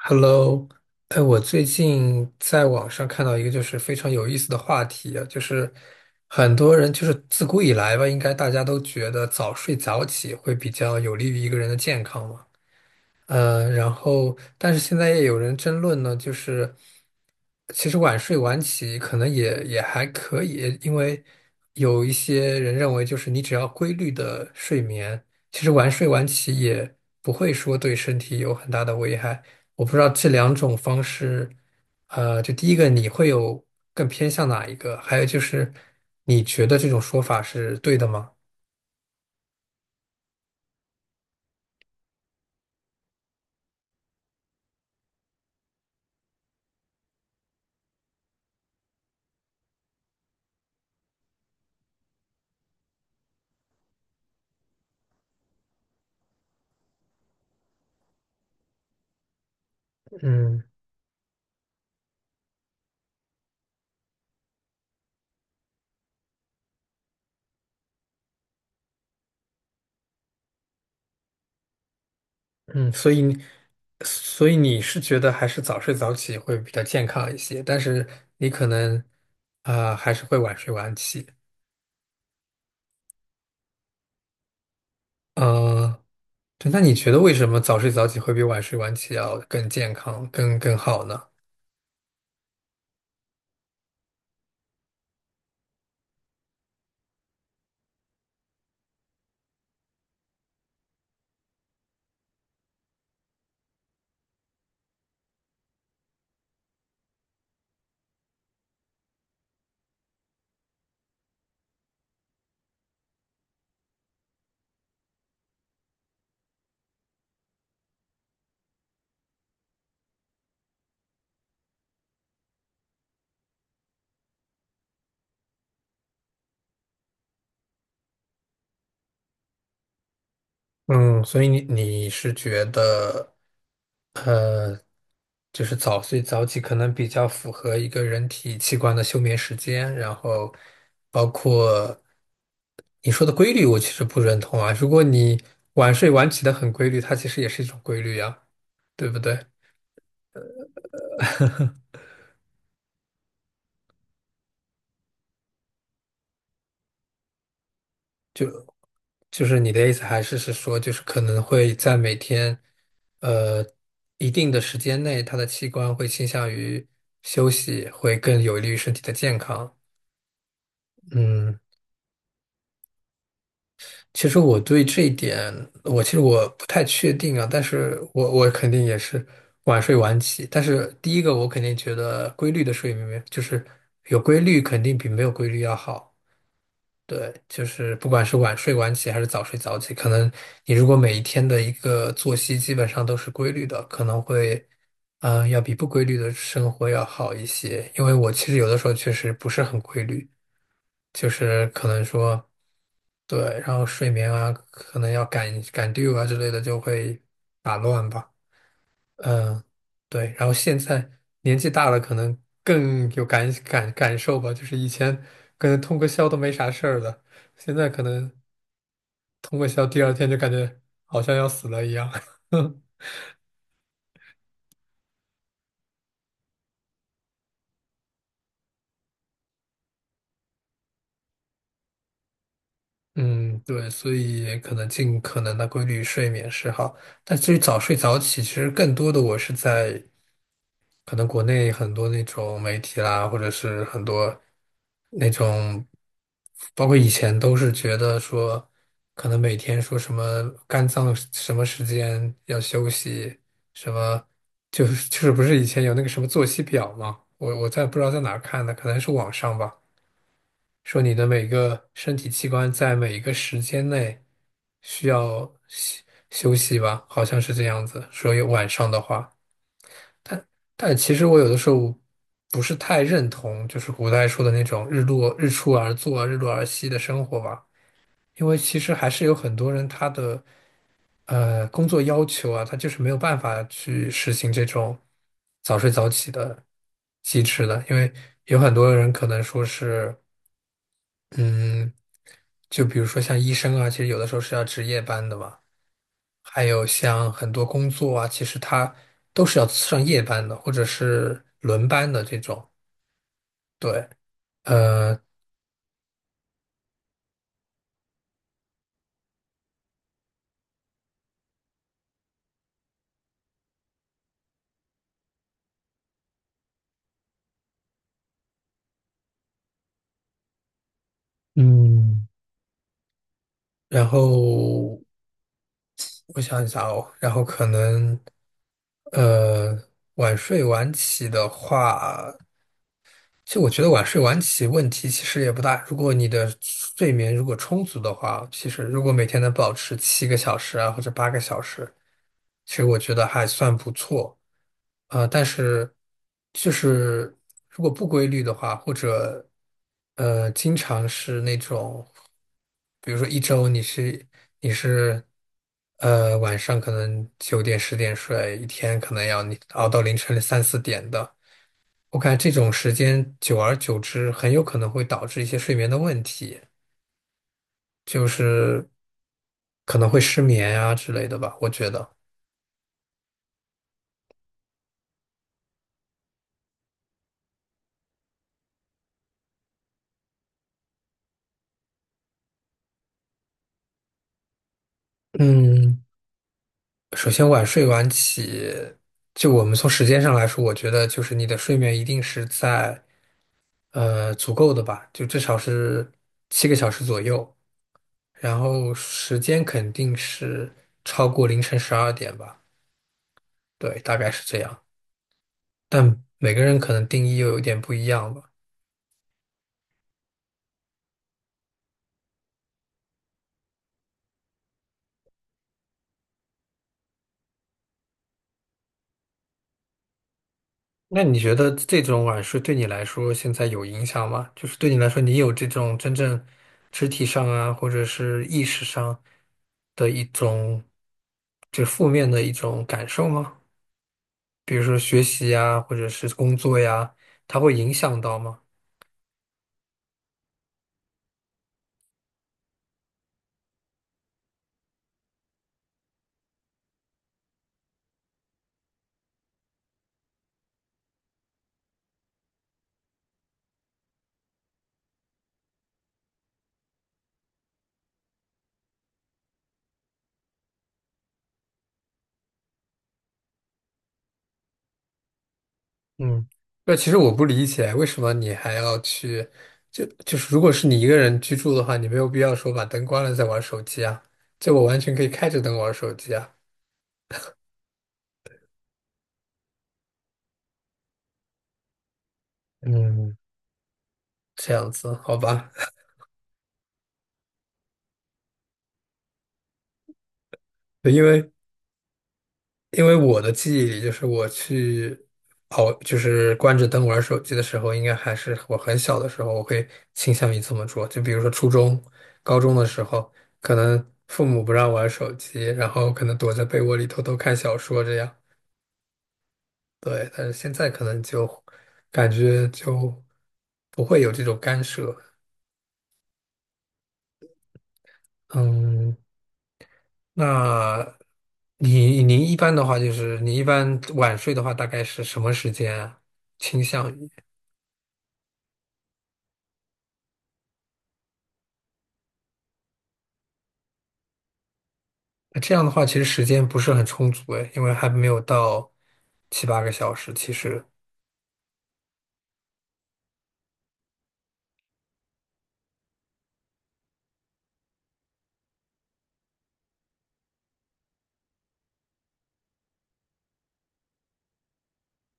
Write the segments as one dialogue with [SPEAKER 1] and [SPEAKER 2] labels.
[SPEAKER 1] Hello，哎，我最近在网上看到一个就是非常有意思的话题啊，就是很多人就是自古以来吧，应该大家都觉得早睡早起会比较有利于一个人的健康嘛。然后但是现在也有人争论呢，就是其实晚睡晚起可能也还可以，因为有一些人认为，就是你只要规律的睡眠，其实晚睡晚起也不会说对身体有很大的危害。我不知道这两种方式，就第一个你会有更偏向哪一个？还有就是你觉得这种说法是对的吗？嗯嗯，所以你是觉得还是早睡早起会比较健康一些，但是你可能啊、还是会晚睡晚起。嗯、对，那你觉得为什么早睡早起会比晚睡晚起要更健康、更好呢？嗯，所以你是觉得，呃，就是早睡早起可能比较符合一个人体器官的休眠时间，然后包括你说的规律，我其实不认同啊。如果你晚睡晚起的很规律，它其实也是一种规律呀，对不对？就是你的意思还是说，就是可能会在每天，呃，一定的时间内，它的器官会倾向于休息，会更有利于身体的健康。嗯，其实我对这一点，我其实我不太确定啊，但是我肯定也是晚睡晚起。但是第一个，我肯定觉得规律的睡眠就是有规律，肯定比没有规律要好。对，就是不管是晚睡晚起还是早睡早起，可能你如果每一天的一个作息基本上都是规律的，可能会，要比不规律的生活要好一些。因为我其实有的时候确实不是很规律，就是可能说，对，然后睡眠啊，可能要赶赶 due 啊之类的，就会打乱吧。嗯，对，然后现在年纪大了，可能更有感受吧。就是以前可能通个宵都没啥事儿的，现在可能通个宵，第二天就感觉好像要死了一样。嗯，对，所以可能尽可能的规律睡眠是好，但至于早睡早起，其实更多的我是在可能国内很多那种媒体啦，或者是很多那种，包括以前都是觉得说，可能每天说什么肝脏什么时间要休息，什么就是不是以前有那个什么作息表吗？我在不知道在哪儿看的，可能是网上吧，说你的每个身体器官在每一个时间内需要休息吧，好像是这样子，所以晚上的话。但其实我有的时候不是太认同，就是古代说的那种日落日出而作，日落而息的生活吧，因为其实还是有很多人他的工作要求啊，他就是没有办法去实行这种早睡早起的机制的，因为有很多人可能说是嗯，就比如说像医生啊，其实有的时候是要值夜班的嘛，还有像很多工作啊，其实他都是要上夜班的，或者是轮班的这种。对，呃，嗯，然后我想一下哦，然后可能，呃，晚睡晚起的话。其实我觉得晚睡晚起问题其实也不大，如果你的睡眠如果充足的话，其实如果每天能保持七个小时啊或者八个小时，其实我觉得还算不错。但是就是如果不规律的话，或者经常是那种，比如说一周你是晚上可能9点10点睡，一天可能要你熬到凌晨3、4点的。我感觉这种时间久而久之，很有可能会导致一些睡眠的问题，就是可能会失眠呀、之类的吧。我觉得，嗯，首先晚睡晚起，就我们从时间上来说，我觉得就是你的睡眠一定是在足够的吧，就至少是七个小时左右，然后时间肯定是超过凌晨12点吧，对，大概是这样。但每个人可能定义又有点不一样吧。那你觉得这种晚睡对你来说现在有影响吗？就是对你来说，你有这种真正肢体上啊，或者是意识上的一种，就负面的一种感受吗？比如说学习呀，或者是工作呀，它会影响到吗？嗯，那其实我不理解，为什么你还要去，就是如果是你一个人居住的话，你没有必要说把灯关了再玩手机啊，就我完全可以开着灯玩手机啊。嗯，这样子，好吧。对，因为我的记忆里，就是我去熬，就是关着灯玩手机的时候，应该还是我很小的时候，我会倾向于这么做。就比如说初中、高中的时候，可能父母不让玩手机，然后可能躲在被窝里偷偷看小说这样。对，但是现在可能就感觉就不会有这种干涉。嗯，那您一般的话，就是你一般晚睡的话，大概是什么时间啊倾向于？那这样的话，其实时间不是很充足诶，因为还没有到7、8个小时。其实，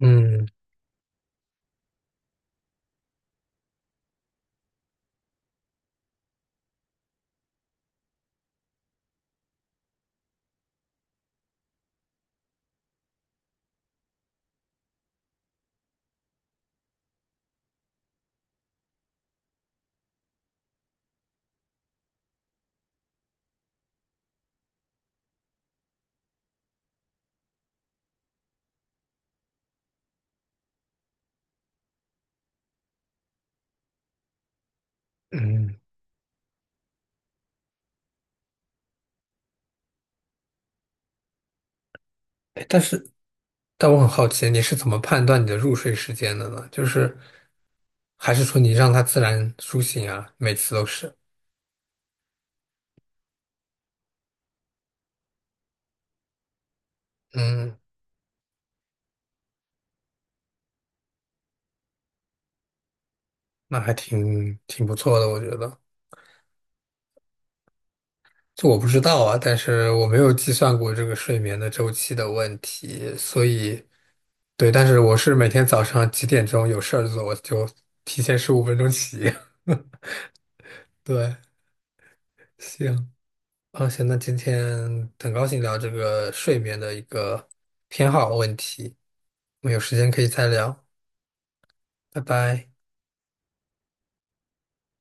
[SPEAKER 1] 嗯嗯，诶但我很好奇，你是怎么判断你的入睡时间的呢？就是还是说你让它自然苏醒啊？每次都是，嗯，那还挺不错的，我觉得。这我不知道啊，但是我没有计算过这个睡眠的周期的问题，所以对，但是我是每天早上几点钟有事儿做，我就提前15分钟起。对，行，啊，行，那今天很高兴聊这个睡眠的一个偏好问题，我们有时间可以再聊，拜拜。